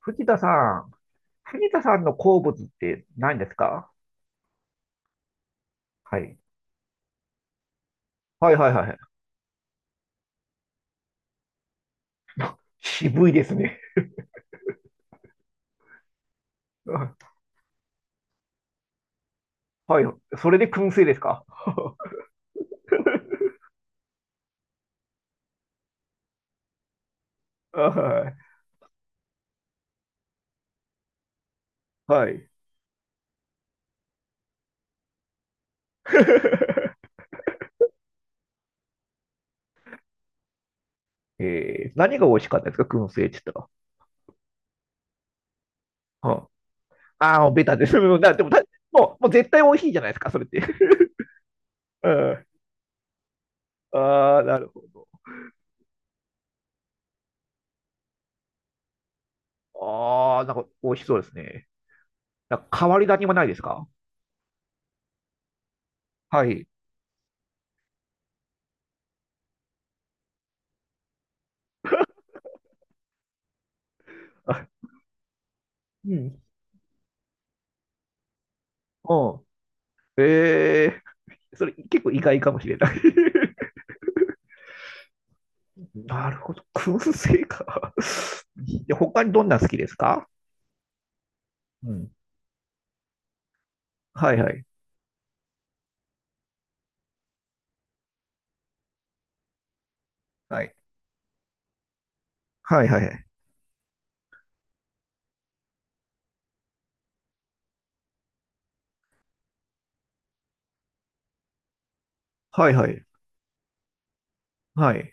藤田さん、藤田さんの好物って何ですか？はい。はいはいはい。渋いですね。はい。それで燻製ですか？ はい。はい。何が美味しかったですか、燻製って言ったら？はああー、ベタです。うんなでもた、もう絶対美味しいじゃないですか、それって。うんああ、なるほど。ああ、なんか美味しそうですね。なんか変わり種もないですか？はい。あうん。うん。ええーそれ結構意外かもしれない。 なるほど。燻製か。で、他にどんな好きですか？うん。はいはい。はい。はいはいはい。はいはい。はいはいはい。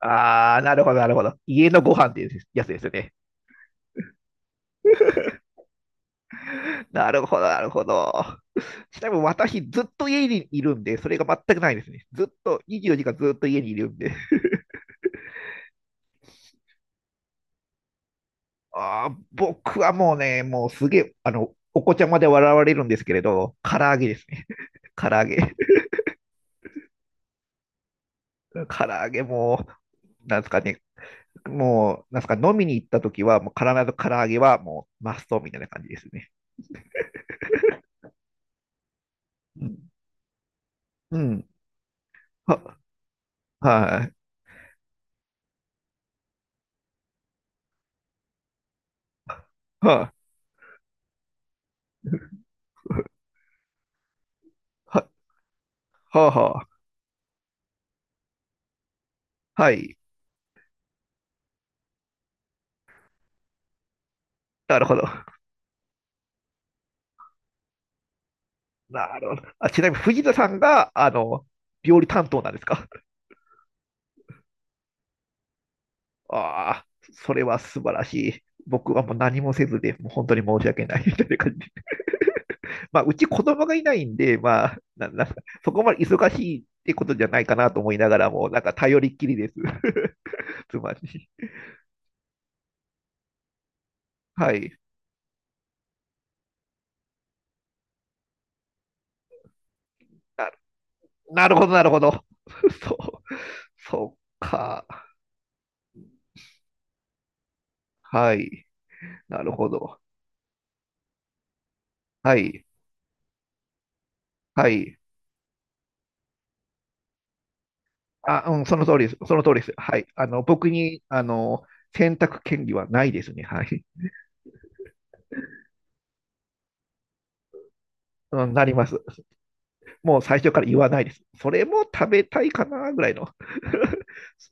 あー、なるほど、なるほど。家のご飯っていうやつですよね。なるほど、なるほど。ちなみに私、ずっと家にいるんで、それが全くないですね。ずっと、24時間ずっと家にいるんで。あー、僕はもうね、もうすげえ、お子ちゃまで笑われるんですけれど、唐揚げですね。唐揚げ。唐揚げもなんですかね、もう、なんすか、飲みに行った時は、もう必ず唐揚げはもうマストみたいな感じですね。うんうん。は、はい。は、は、は、は、はい。なるほど。なるほど。あ、ちなみに藤田さんが、料理担当なんですか？ああ、それは素晴らしい。僕はもう何もせずで、もう本当に申し訳ないみたいな感じで。まあ、うち子供がいないんで、まあ、なんか、そこまで忙しいってことじゃないかなと思いながらも、なんか頼りっきりです。つまり。はい。なるほど、なるほど。そう。そうか。はい。なるほど。はい。はい。あ、うん、その通りです。その通りです。はい。僕に、選択権利はないですね。はい。うん、なります。もう最初から言わないです。それも食べたいかな、ぐらいの。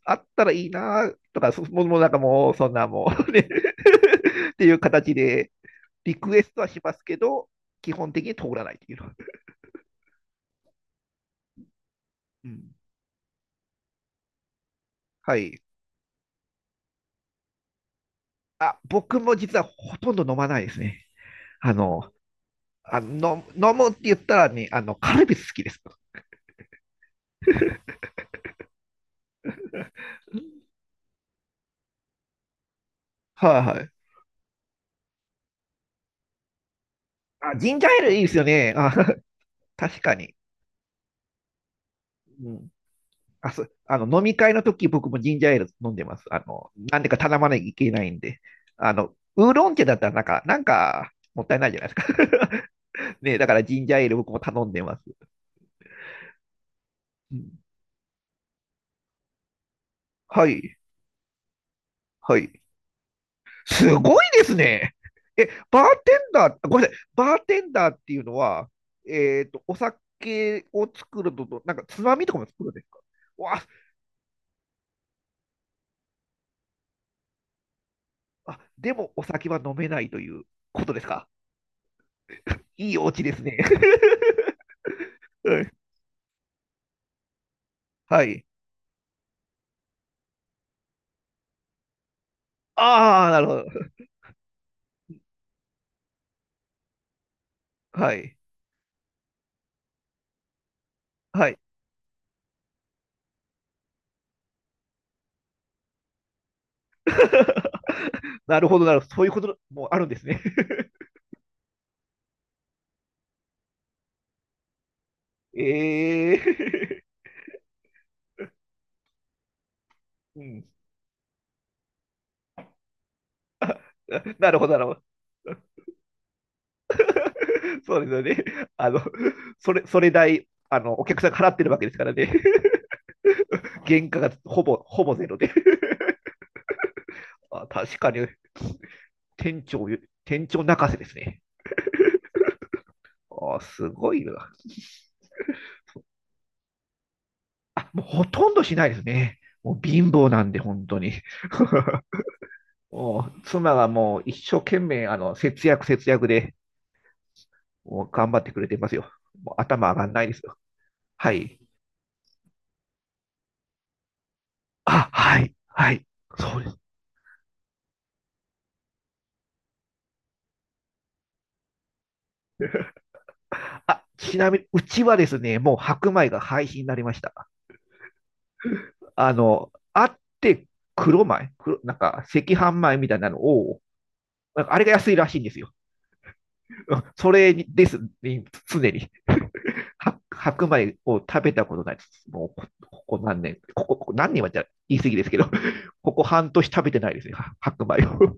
あったらいいな、とか、そもう、もうなんかもう、そんなもう、ね。 っていう形で、リクエストはしますけど、基本的に通らないっていうのは。うん。はい。あ、僕も実はほとんど飲まないですね。あの、飲むって言ったらね、カルピス好きです。はいはい。あ、ジンジャーエールいいですよね。あ、確かに。うん。あ、そ、あの、飲み会の時僕もジンジャーエール飲んでます。なんでか頼まなきゃいけないんで。ウーロン茶だったらなんか、もったいないじゃないですか。ね、だからジンジャーエール僕も頼んでます。うんはい、はい。すごいですね。え、バーテンダー、ごめんなさい、バーテンダーっていうのは、お酒を作るのと、なんかつまみとかも作るんですか？わあ、あ、でもお酒は飲めないということですか？いいお家ですね。うんはい。ああ、なるほど。はい。はい。なるほど、なるほど。そういうこともあるんですね。ええー うん。なるほど、なるほど。そうですよね。あの、それ代、お客さんが払ってるわけですからね。原価がほぼゼロで。あ確かに、店長、店長泣かせですね。あすごいな。あ、もうほとんどしないですね。もう貧乏なんで、本当に。もう妻がもう一生懸命、節約節約で、もう頑張ってくれてますよ。もう頭上がんないですよ。はい。あ、はい、はい。そうです。あ、ちなみに、うちはですね、もう白米が廃止になりました。あって黒米、なんか赤飯米みたいなのを、なんかあれが安いらしいんですよ。うんそれにです、ね、常に。白米を食べたことないです。もうここ何年はじゃ言い過ぎですけど、ここ半年食べてないですね、白米を。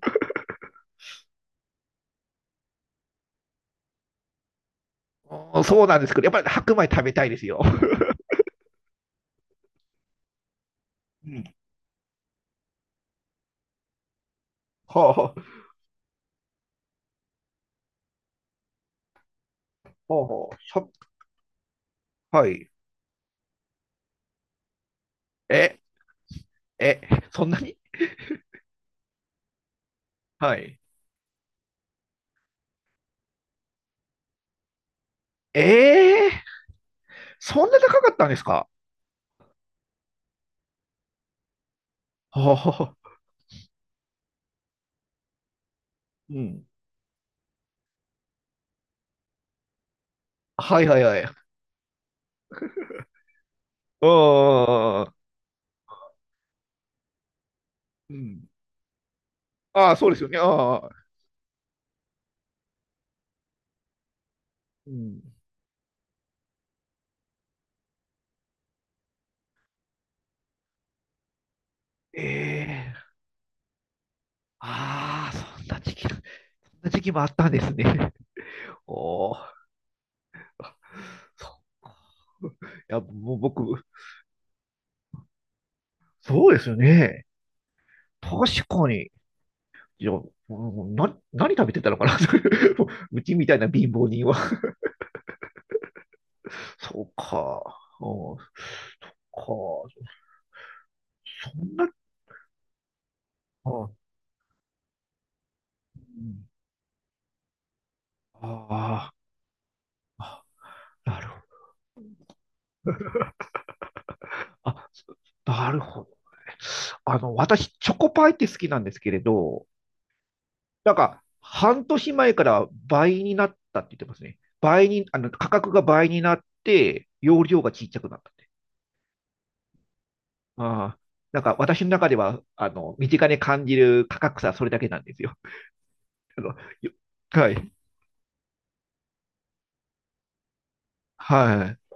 そうなんですけど、やっぱり白米食べたいですよ。うんはあ、はあ、はあははい。え、え、そんなにはい。ええーそんな高かったんですか？はうん。あ、はいはいはい。あんうん。ああ、そうですよね。ああ。うん。ええーああ、そんな時期もあったんですね。おお、そう いや、もう僕、そうですよね。確かに。いや、もう何食べてたのかな。 もううちみたいな貧乏人は。そうか。うん、そっか。そんな、あうんあーあ、あなるほど。あ、なるほどね。私、チョコパイって好きなんですけれど、なんか、半年前から倍になったって言ってますね。倍に、価格が倍になって、容量が小さくなったって。ああ、なんか、私の中では、身近に感じる価格差はそれだけなんですよ。あの、よはい。はい。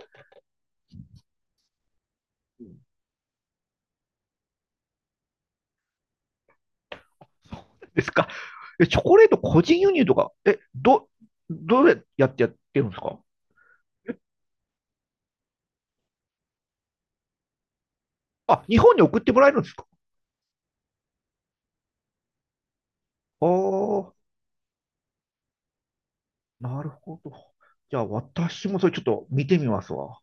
ですか。え、チョコレート個人輸入とか、え、どれやってやってるんですか？あ、日本に送ってもらえるんです？ああ、なるほど。じゃあ、私もそれちょっと見てみますわ。